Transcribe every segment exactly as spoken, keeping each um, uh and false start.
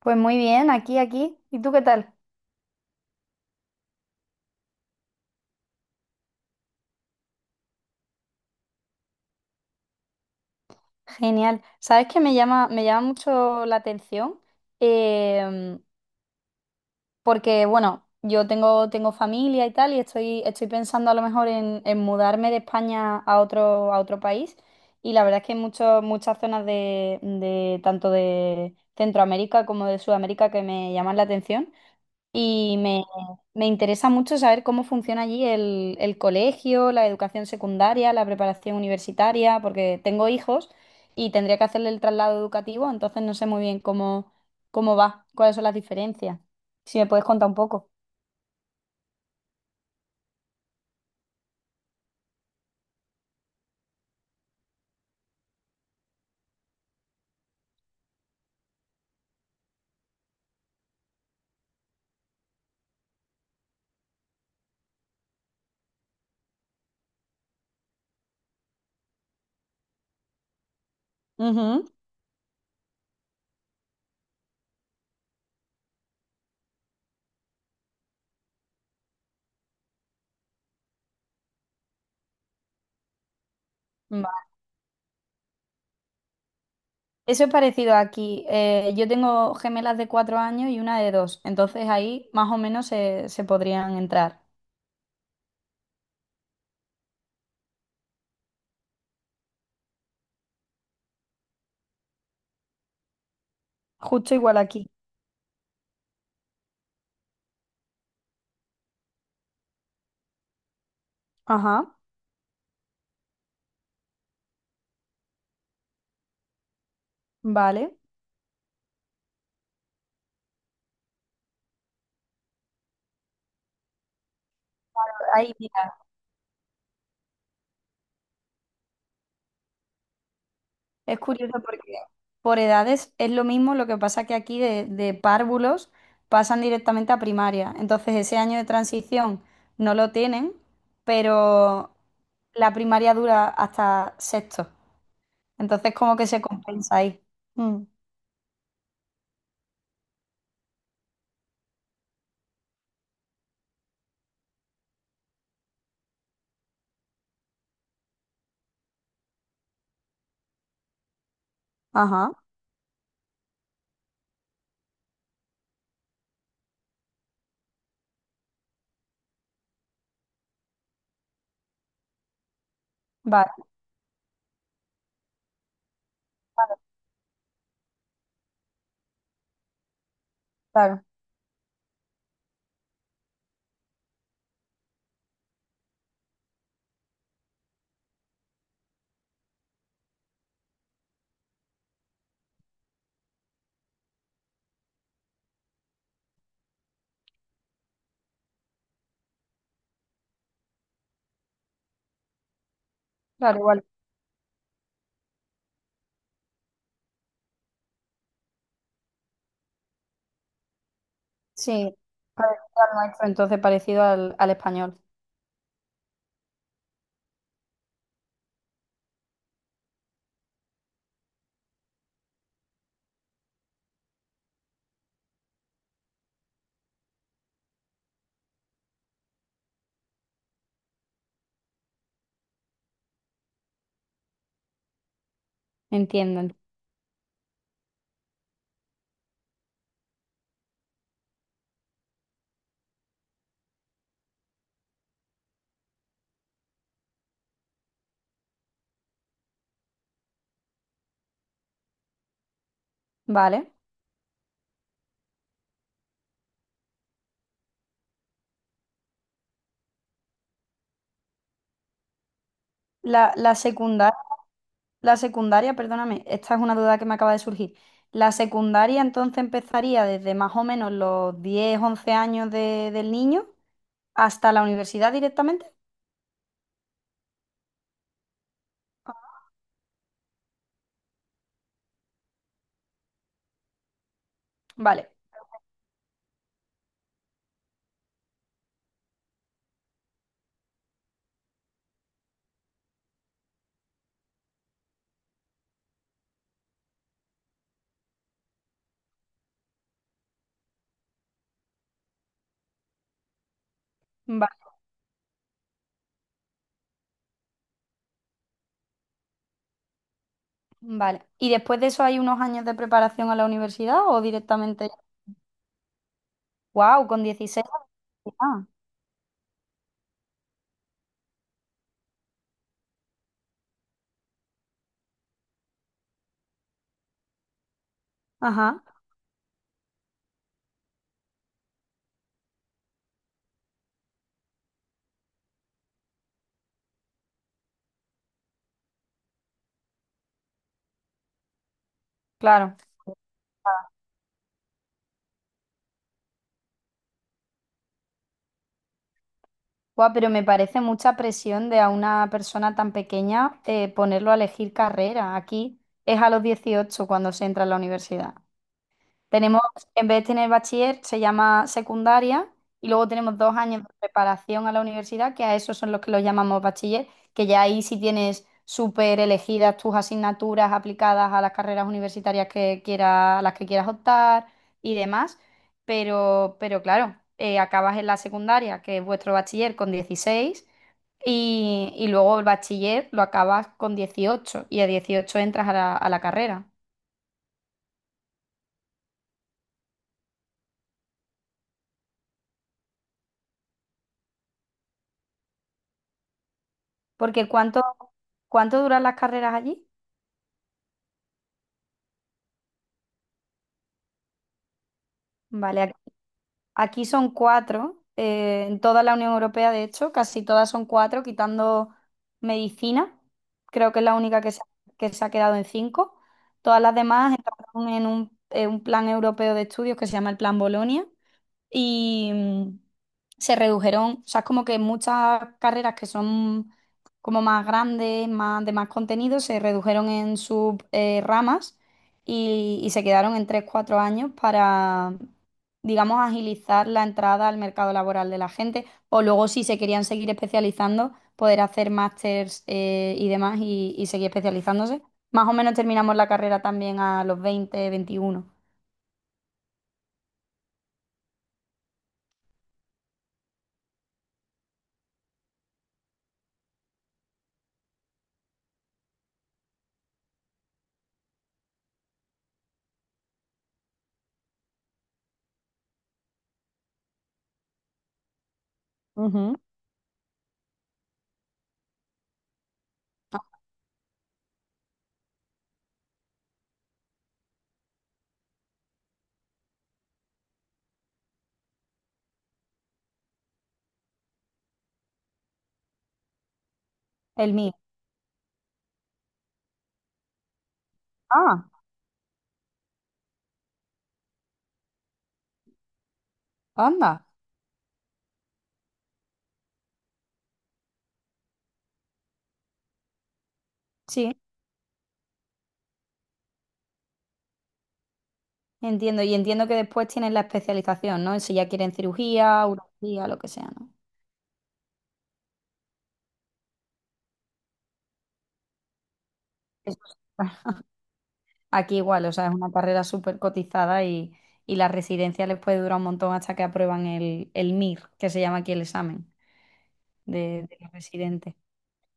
Pues muy bien, aquí, aquí. ¿Y tú qué tal? Genial. ¿Sabes qué me llama, me llama mucho la atención? Em, Porque, bueno, yo tengo, tengo familia y tal, y estoy, estoy pensando a lo mejor en, en mudarme de España a otro, a otro país. Y la verdad es que hay mucho- muchas zonas de, de- tanto de Centroamérica como de Sudamérica que me llaman la atención. Y me, Me interesa mucho saber cómo funciona allí el, el colegio, la educación secundaria, la preparación universitaria, porque tengo hijos y tendría que hacerle el traslado educativo, entonces no sé muy bien cómo, cómo va, cuáles son las diferencias. Si me puedes contar un poco. Ujú. Vale. Eso es parecido aquí. Eh, yo tengo gemelas de cuatro años y una de dos, entonces ahí más o menos se, se podrían entrar. Justo igual aquí. Ajá, vale. Ahí, mira. Es curioso porque por edades es lo mismo, lo que pasa que aquí de, de párvulos pasan directamente a primaria. Entonces ese año de transición no lo tienen, pero la primaria dura hasta sexto. Entonces como que se compensa ahí. Mm. Ajá, vale, claro, claro, igual. Sí, parecido al nuestro, entonces parecido al, al español. Entienden. Vale. La, la secundaria. La secundaria, perdóname, esta es una duda que me acaba de surgir. La secundaria entonces empezaría desde más o menos los diez, once años de- del niño hasta la universidad directamente. Vale, vale, vale. ¿Y después de eso hay unos años de preparación a la universidad o directamente, wow, con dieciséis? Ah, ajá, claro. Guau, pero me parece mucha presión de a una persona tan pequeña, eh, ponerlo a elegir carrera. Aquí es a los dieciocho cuando se entra a la universidad. Tenemos, en vez de tener bachiller, se llama secundaria y luego tenemos dos años de preparación a la universidad, que a esos son los que los llamamos bachiller, que ya ahí sí tienes súper elegidas tus asignaturas aplicadas a las carreras universitarias que quieras, a las que quieras optar y demás. Pero, pero claro, eh, acabas en la secundaria, que es vuestro bachiller, con dieciséis y, y luego el bachiller lo acabas con dieciocho y a dieciocho entras a la a la carrera. Porque ¿cuánto, cuánto duran las carreras allí? Vale, ac- aquí son cuatro, eh, en toda la Unión Europea, de hecho, casi todas son cuatro, quitando medicina, creo que es la única que se, que se ha quedado en cinco. Todas las demás entraron en un, en un plan europeo de estudios que se llama el Plan Bolonia, y mm, se redujeron, o sea, es como que muchas carreras que son como más grandes, más de más contenido, se redujeron en sus eh, ramas y, y se quedaron en tres cuatro años para, digamos, agilizar la entrada al mercado laboral de la gente o luego si se querían seguir especializando, poder hacer másters eh, y demás y, y seguir especializándose. Más o menos terminamos la carrera también a los veinte veintiuno. Ujú. El mío. Ah, anda. Sí, entiendo. Y entiendo que después tienen la especialización, ¿no? Si ya quieren cirugía, urología, lo que sea, ¿no? Eso es- Aquí igual, o sea, es una carrera súper cotizada y, y la residencia les puede durar un montón hasta que aprueban el, el M I R, que se llama aquí el examen de, de los residentes.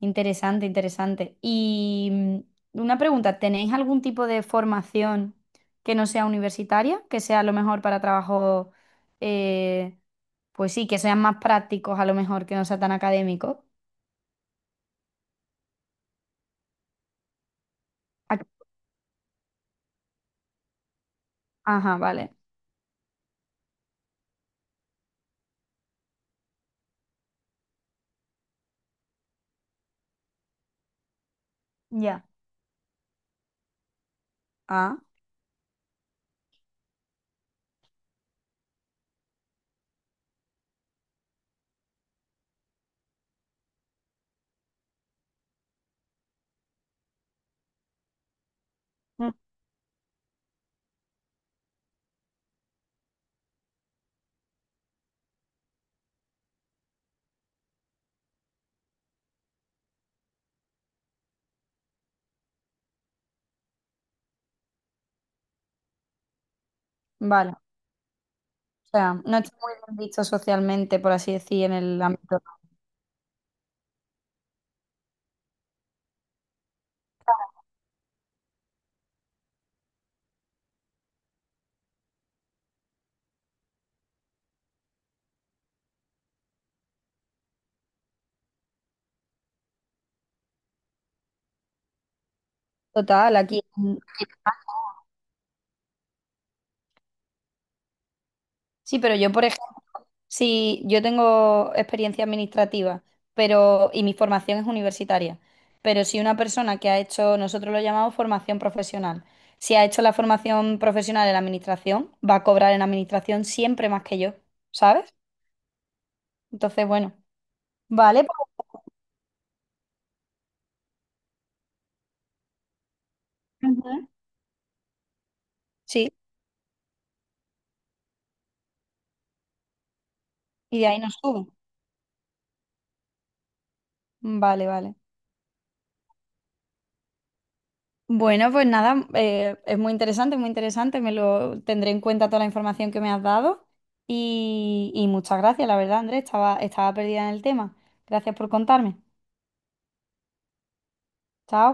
Interesante, interesante. Y mm, una pregunta, ¿tenéis algún tipo de formación que no sea universitaria, que sea a lo mejor para trabajo... eh, pues sí, que sean más prácticos a lo mejor, que no sea tan académico? Ah, ajá, vale. Ya. Ah, mm, vale. O sea, no está muy bien visto socialmente, por así decir, en el ámbito total aquí. en- Sí, pero yo, por ejemplo, sí, yo tengo experiencia administrativa, pero y mi formación es universitaria. Pero si una persona que ha hecho, nosotros lo llamamos formación profesional, si ha hecho la formación profesional en administración, va a cobrar en administración siempre más que yo, ¿sabes? Entonces, bueno, vale, pues, ujú. Sí, y de ahí nos sube. Vale, vale. Bueno, pues nada, eh, es muy interesante, muy interesante. Me lo tendré en cuenta toda la información que me has dado. Y, y muchas gracias, la verdad, Andrés. Estaba, estaba perdida en el tema. Gracias por contarme. Chao.